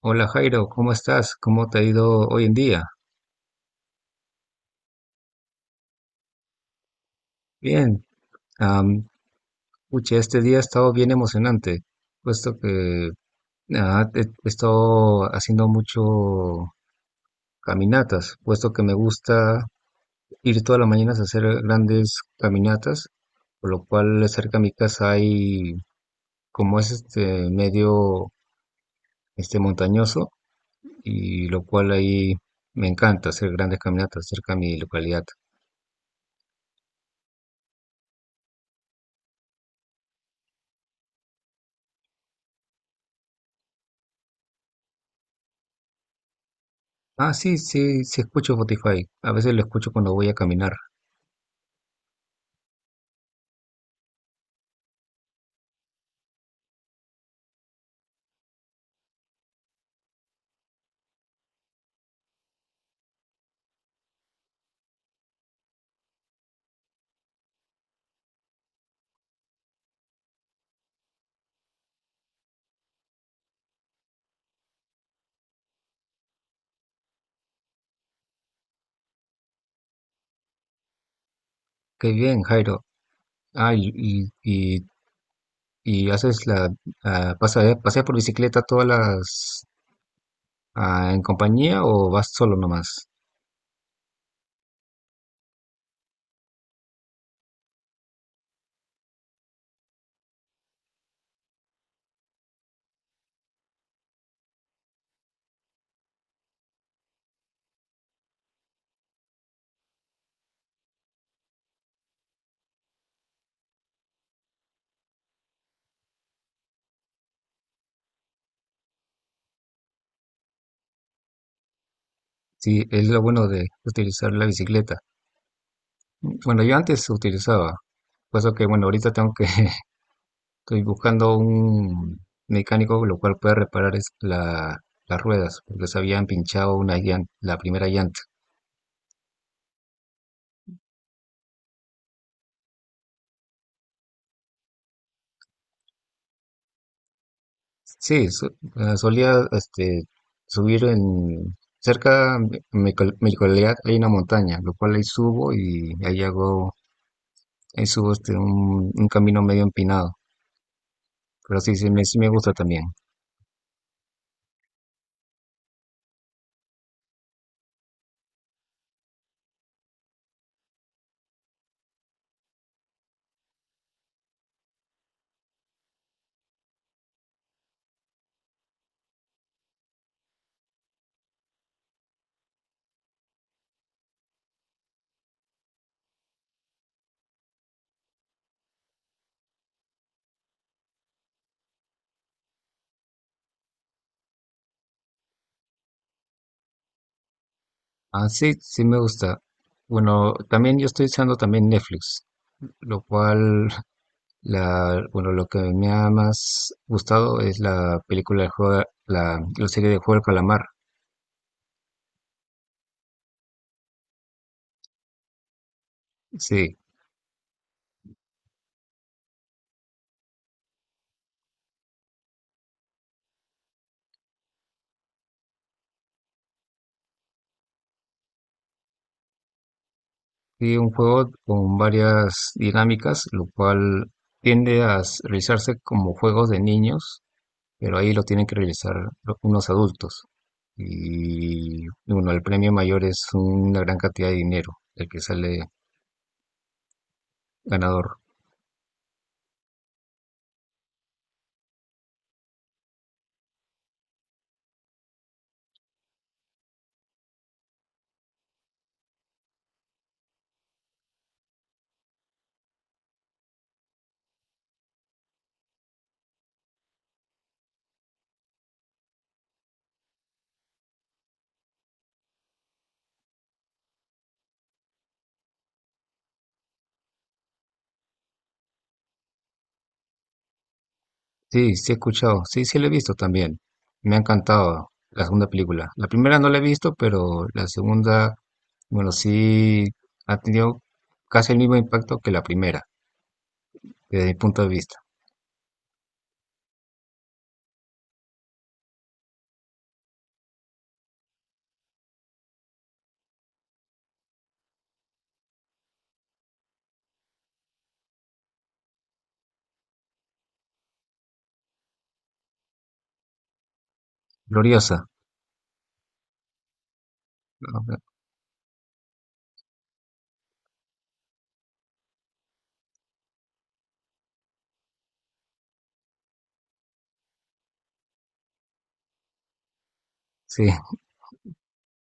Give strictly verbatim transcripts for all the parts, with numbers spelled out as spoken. Hola Jairo, ¿cómo estás? ¿Cómo te ha ido hoy en día? Bien. Am, Pucha, este día ha estado bien emocionante, puesto que ah, he, he estado haciendo mucho caminatas, puesto que me gusta ir todas las mañanas a hacer grandes caminatas, por lo cual cerca de mi casa hay, como es este medio, este montañoso, y lo cual ahí me encanta hacer grandes caminatas cerca de mi localidad. Ah, sí, sí, sí escucho Spotify. A veces lo escucho cuando voy a caminar. Qué bien, Jairo. Ah, y, y, y- ¿Y haces la, ah, pasa- paseas por bicicleta todas las, ah, en compañía o vas solo nomás? Sí, es lo bueno de utilizar la bicicleta. Bueno, yo antes utilizaba, puesto que, bueno, ahorita tengo que, estoy buscando un mecánico lo cual pueda reparar es la, las ruedas, porque se habían pinchado una llan- la primera llanta. Sí, so- eh, solía este subir en... Cerca de mi, col- mi localidad hay una montaña, lo cual ahí subo y ahí hago, ahí subo este, un, un camino medio empinado, pero sí, sí me, sí me gusta también. Ah, sí, sí me gusta. Bueno, también yo estoy usando también Netflix, lo cual, la, bueno, lo que me ha más gustado es la película de juego, la, la serie de Juego del Calamar. Sí, sí, un juego con varias dinámicas, lo cual tiende a s- realizarse como juegos de niños, pero ahí lo tienen que realizar lo- unos adultos. Y bueno, el premio mayor es una gran cantidad de dinero, el que sale ganador. Sí, sí he escuchado, sí, sí lo he visto también. Me ha encantado la segunda película. La primera no la he visto, pero la segunda, bueno, sí ha tenido casi el mismo impacto que la primera, desde mi punto de vista. Gloriosa, ¿no? Sí,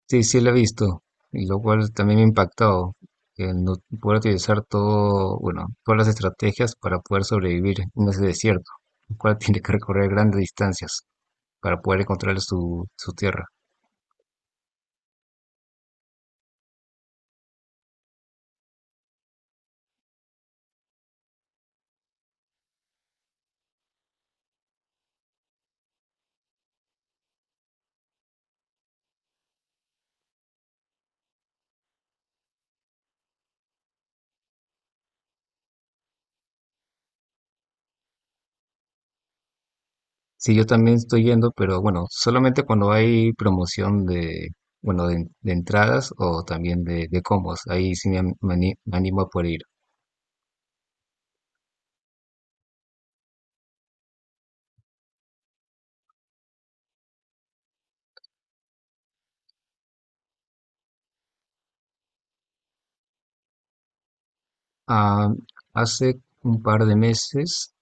sí, sí lo he visto, y lo cual también me ha impactado, el no poder utilizar todo, bueno, todas las estrategias para poder sobrevivir en ese desierto, el cual tiene que recorrer grandes distancias para poder encontrar su, su tierra. Sí, yo también estoy yendo, pero bueno, solamente cuando hay promoción de, bueno, de, de entradas o también de, de combos, ahí sí me, ani- me animo a poder ir. Ah, hace un par de meses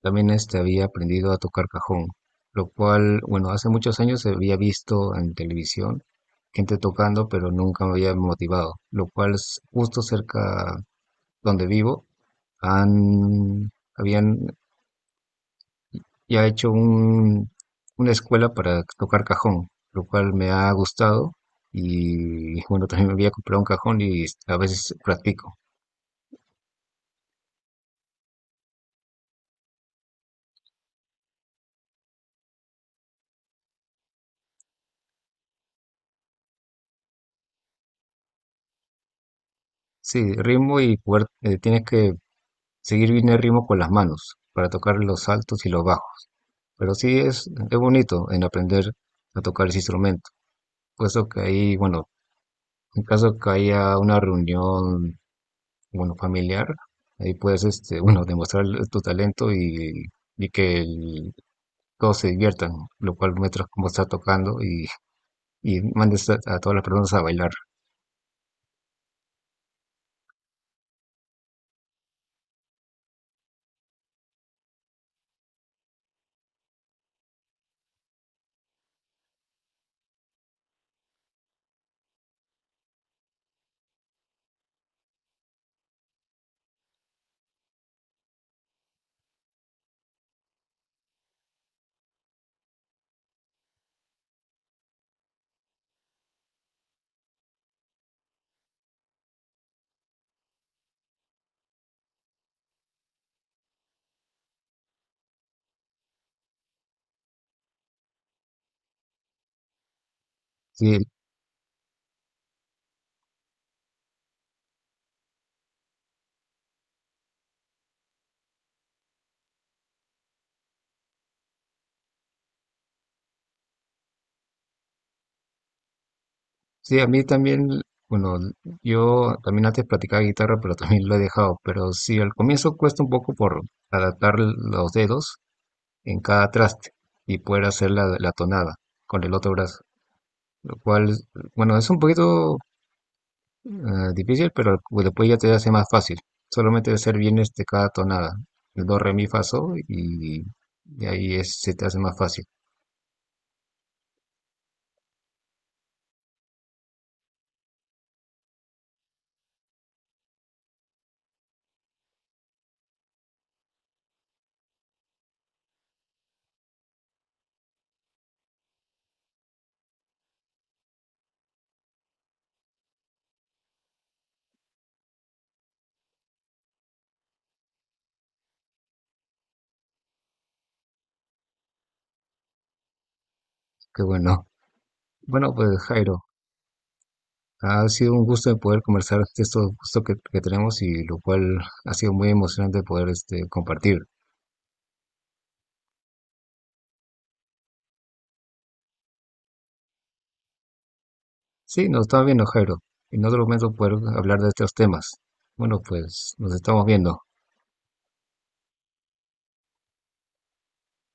también este había aprendido a tocar cajón, lo cual, bueno, hace muchos años había visto en televisión gente tocando, pero nunca me había motivado, lo cual es justo cerca donde vivo, han, habían ya hecho un, una escuela para tocar cajón, lo cual me ha gustado y bueno, también me había comprado un cajón y a veces practico. Sí, ritmo y poder, eh, tienes que seguir bien el ritmo con las manos para tocar los altos y los bajos. Pero sí es, es bonito en aprender a tocar ese instrumento, puesto que ahí, bueno, en caso que haya una reunión, bueno, familiar, ahí puedes, este, bueno, demostrar tu talento y, y que el- todos se diviertan, lo cual muestras cómo estás tocando y, y mandes a, a todas las personas a bailar. Sí, sí, a mí también, bueno, yo también antes practicaba guitarra, pero también lo he dejado, pero sí, al comienzo cuesta un poco por adaptar los dedos en cada traste y poder hacer la, la tonada con el otro brazo. Lo cual, bueno, es un poquito eh, difícil, pero pues, después ya te hace más fácil. Solamente hacer bien este, cada tonada. El do, re, mi, fa, sol y, y ahí es, se te hace más fácil. Qué bueno. Bueno, pues Jairo, ha sido un gusto poder conversar de estos gustos que, que tenemos y lo cual ha sido muy emocionante poder este, compartir. Sí, nos está viendo Jairo. En otro momento poder hablar de estos temas. Bueno, pues nos estamos viendo.